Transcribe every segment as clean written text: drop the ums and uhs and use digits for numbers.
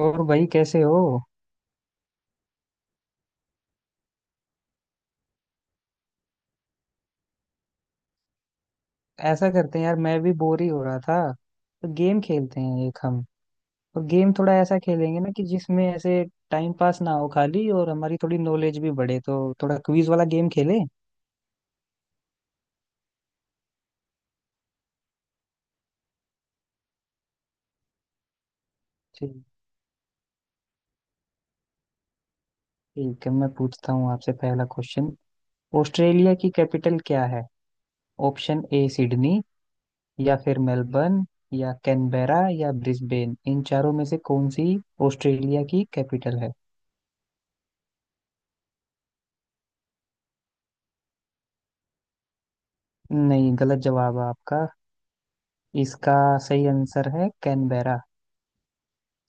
और भाई कैसे हो? ऐसा करते हैं यार, मैं भी बोर ही हो रहा था। तो गेम खेलते हैं एक हम। और गेम थोड़ा ऐसा खेलेंगे ना कि जिसमें ऐसे टाइम पास ना हो खाली और हमारी थोड़ी नॉलेज भी बढ़े, तो थोड़ा क्विज वाला गेम खेले। ठीक। ठीक है, मैं पूछता हूँ आपसे पहला क्वेश्चन। ऑस्ट्रेलिया की कैपिटल क्या है? ऑप्शन A सिडनी, या फिर मेलबर्न, या कैनबेरा, या ब्रिस्बेन, इन चारों में से कौन सी ऑस्ट्रेलिया की कैपिटल है? नहीं, गलत जवाब है आपका। इसका सही आंसर है कैनबेरा।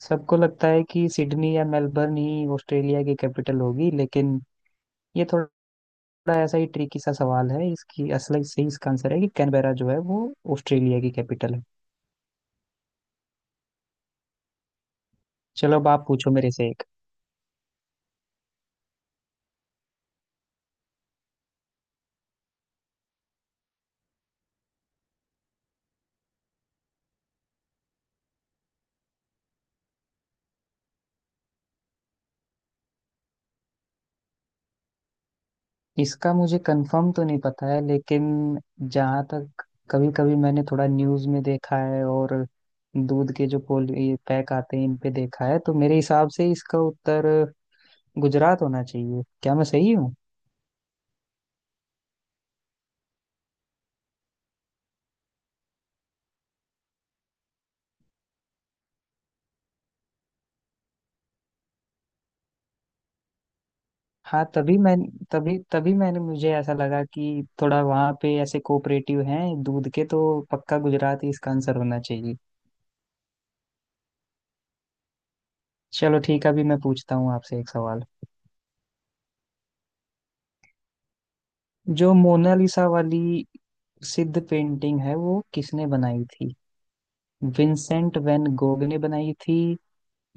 सबको लगता है कि सिडनी या मेलबर्न ही ऑस्ट्रेलिया की कैपिटल होगी, लेकिन ये थोड़ा ऐसा ही ट्रिकी सा सवाल है। इसकी असल सही इसका आंसर है कि कैनबेरा जो है वो ऑस्ट्रेलिया की कैपिटल है। चलो, अब आप पूछो मेरे से एक। इसका मुझे कंफर्म तो नहीं पता है, लेकिन जहाँ तक कभी कभी मैंने थोड़ा न्यूज़ में देखा है, और दूध के जो पोल ये पैक आते हैं इन पे देखा है, तो मेरे हिसाब से इसका उत्तर गुजरात होना चाहिए। क्या मैं सही हूँ? हाँ, तभी मैं तभी तभी मैंने मुझे ऐसा लगा कि थोड़ा वहाँ पे ऐसे कोऑपरेटिव हैं दूध के, तो पक्का गुजरात ही इसका आंसर होना चाहिए। चलो ठीक है, अभी मैं पूछता हूँ आपसे एक सवाल। जो मोनालिसा वाली सिद्ध पेंटिंग है वो किसने बनाई थी? विंसेंट वैन गोग ने बनाई थी,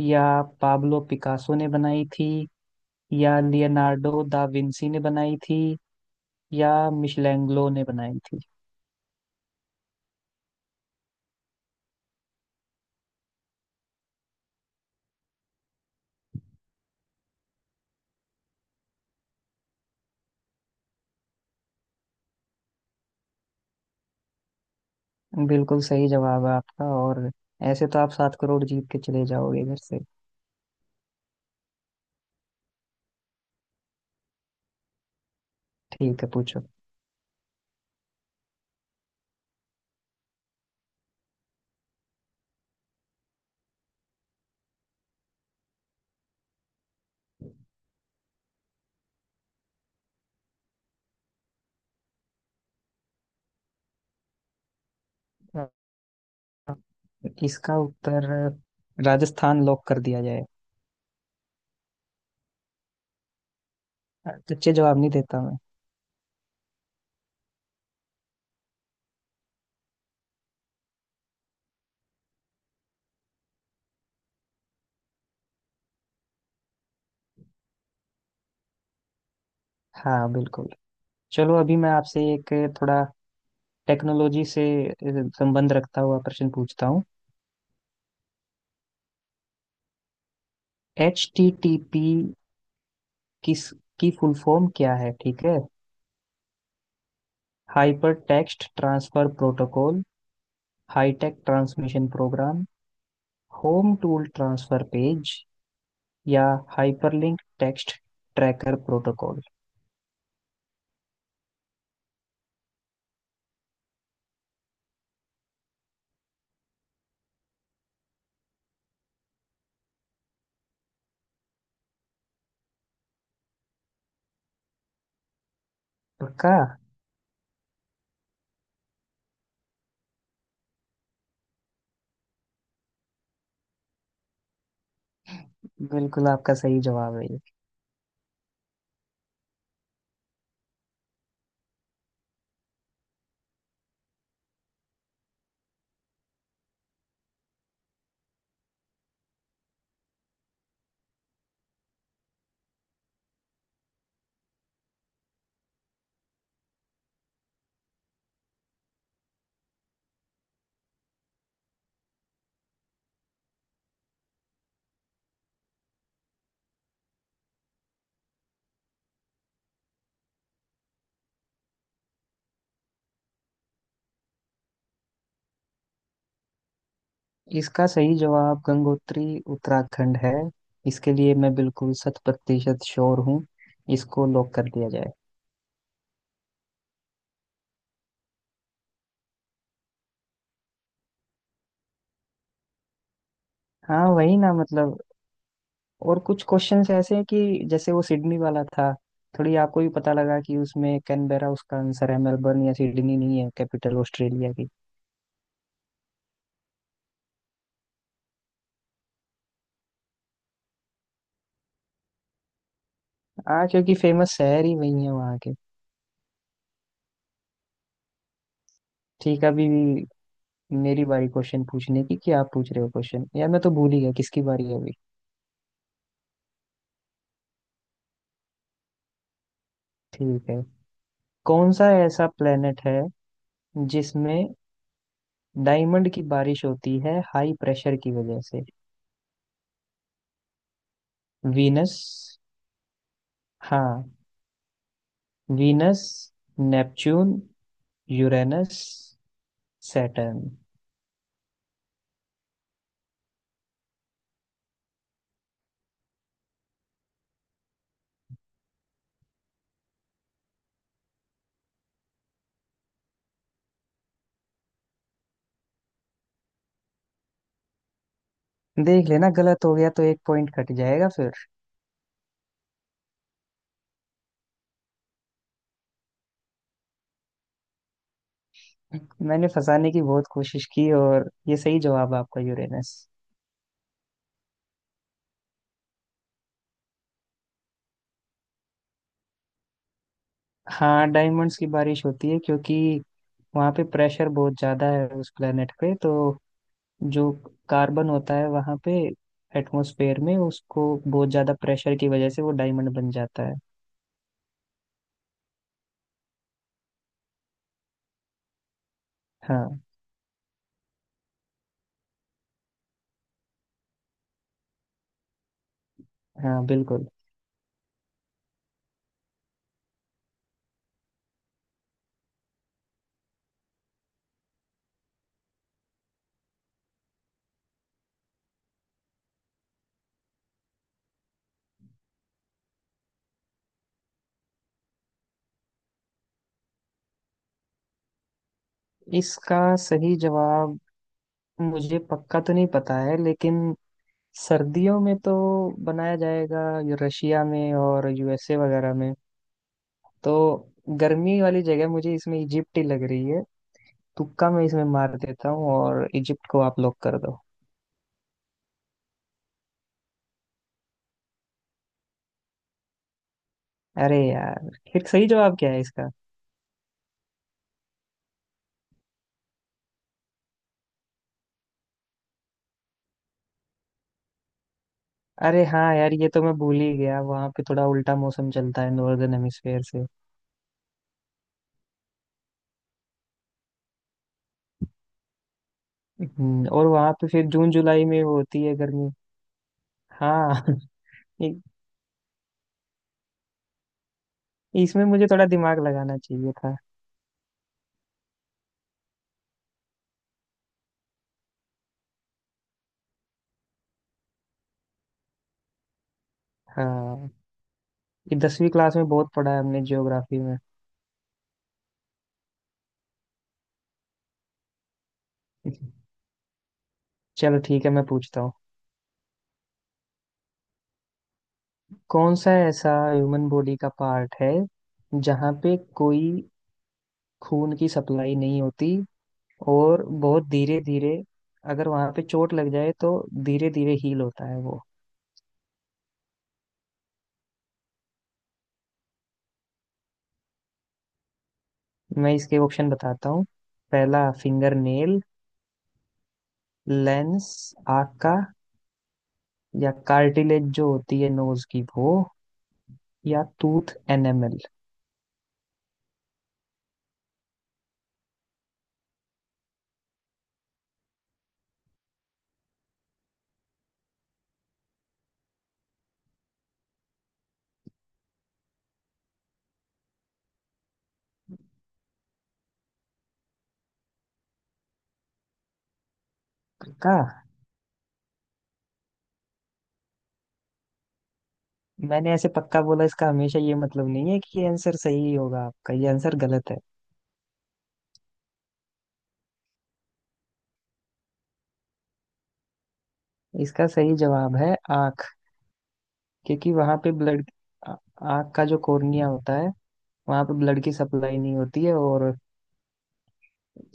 या पाब्लो पिकासो ने बनाई थी, या लियोनार्डो दा विंसी ने बनाई थी, या मिशेलेंग्लो ने बनाई थी? बिल्कुल सही जवाब है आपका। और ऐसे तो आप 7 करोड़ जीत के चले जाओगे इधर से। ठीक है, पूछो। हाँ, इसका उत्तर राजस्थान लॉक कर दिया जाए। अच्छे जवाब नहीं देता मैं। हाँ बिल्कुल। चलो, अभी मैं आपसे एक थोड़ा टेक्नोलॉजी से संबंध रखता हुआ प्रश्न पूछता हूँ। HTTP किस की फुल फॉर्म क्या है, ठीक है? Hyper text transfer protocol, hi tech transmission program, home tool transfer page, या हाइपरलिंक टेक्स्ट ट्रैकर प्रोटोकॉल? पक्का। बिल्कुल आपका सही जवाब है ये। इसका सही जवाब गंगोत्री उत्तराखंड है। इसके लिए मैं बिल्कुल 100% श्योर हूँ। इसको लॉक कर दिया जाए। हाँ वही ना, मतलब और कुछ क्वेश्चंस ऐसे हैं कि जैसे वो सिडनी वाला था। थोड़ी आपको भी पता लगा कि उसमें कैनबेरा उसका आंसर है, मेलबर्न या सिडनी नहीं है कैपिटल ऑस्ट्रेलिया की। हाँ, क्योंकि फेमस शहर ही वही है वहाँ के। ठीक है, अभी मेरी बारी क्वेश्चन पूछने की कि आप पूछ रहे हो क्वेश्चन? यार मैं तो भूल ही गया किसकी बारी है अभी। ठीक है। कौन सा ऐसा प्लेनेट है जिसमें डायमंड की बारिश होती है हाई प्रेशर की वजह से? वीनस। हाँ। Venus, Neptune, Uranus, Saturn. देख लेना, गलत हो गया तो एक पॉइंट कट जाएगा फिर। मैंने फंसाने की बहुत कोशिश की और ये सही जवाब है आपका, यूरेनस। हाँ, डायमंड्स की बारिश होती है, क्योंकि वहाँ पे प्रेशर बहुत ज़्यादा है उस प्लेनेट पे। तो जो कार्बन होता है वहाँ पे एटमॉस्फेयर में, उसको बहुत ज़्यादा प्रेशर की वजह से वो डायमंड बन जाता है। हाँ, हाँ बिल्कुल। इसका सही जवाब मुझे पक्का तो नहीं पता है, लेकिन सर्दियों में तो बनाया जाएगा ये रशिया में और यूएसए वगैरह में। तो गर्मी वाली जगह मुझे इसमें इजिप्ट ही लग रही है। तुक्का मैं इसमें मार देता हूँ और इजिप्ट को आप लॉक कर दो। अरे यार, फिर सही जवाब क्या है इसका? अरे हाँ यार, ये तो मैं भूल ही गया। वहाँ पे थोड़ा उल्टा मौसम चलता है नॉर्दर्न हेमिस्फेयर से। और वहाँ पे फिर जून जुलाई में होती है गर्मी। हाँ। इ- इसमें मुझे थोड़ा दिमाग लगाना चाहिए था। हाँ, ये 10वीं क्लास में बहुत पढ़ा है हमने ज्योग्राफी में। चलो ठीक है, मैं पूछता हूँ। कौन सा ऐसा ह्यूमन बॉडी का पार्ट है जहाँ पे कोई खून की सप्लाई नहीं होती, और बहुत धीरे धीरे अगर वहाँ पे चोट लग जाए तो धीरे धीरे हील होता है वो? मैं इसके ऑप्शन बताता हूँ। पहला फिंगर नेल, लेंस आँख का, या कार्टिलेज जो होती है नोज की वो, या टूथ एनेमल। पक्का। मैंने ऐसे पक्का बोला, इसका हमेशा ये मतलब नहीं है कि ये आंसर सही होगा। आपका ये आंसर गलत है। इसका सही जवाब है आँख। क्योंकि वहां पे ब्लड, आँख का जो कॉर्निया होता है वहां पे ब्लड की सप्लाई नहीं होती है, और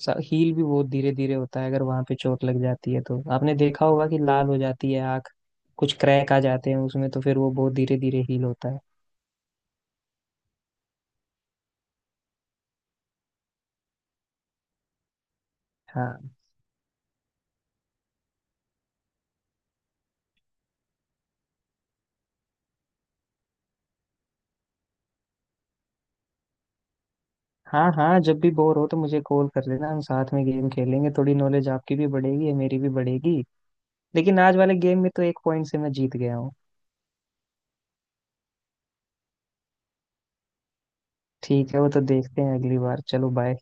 हील भी बहुत धीरे धीरे होता है। अगर वहां पे चोट लग जाती है तो आपने देखा होगा कि लाल हो जाती है आंख। कुछ क्रैक आ जाते हैं उसमें, तो फिर वो बहुत धीरे धीरे हील होता है। हाँ, हाँ, हाँ। जब भी बोर हो तो मुझे कॉल कर लेना, हम साथ में गेम खेलेंगे, थोड़ी नॉलेज आपकी भी बढ़ेगी मेरी भी बढ़ेगी। लेकिन आज वाले गेम में तो एक पॉइंट से मैं जीत गया हूँ। ठीक है, वो तो देखते हैं अगली बार। चलो, बाय।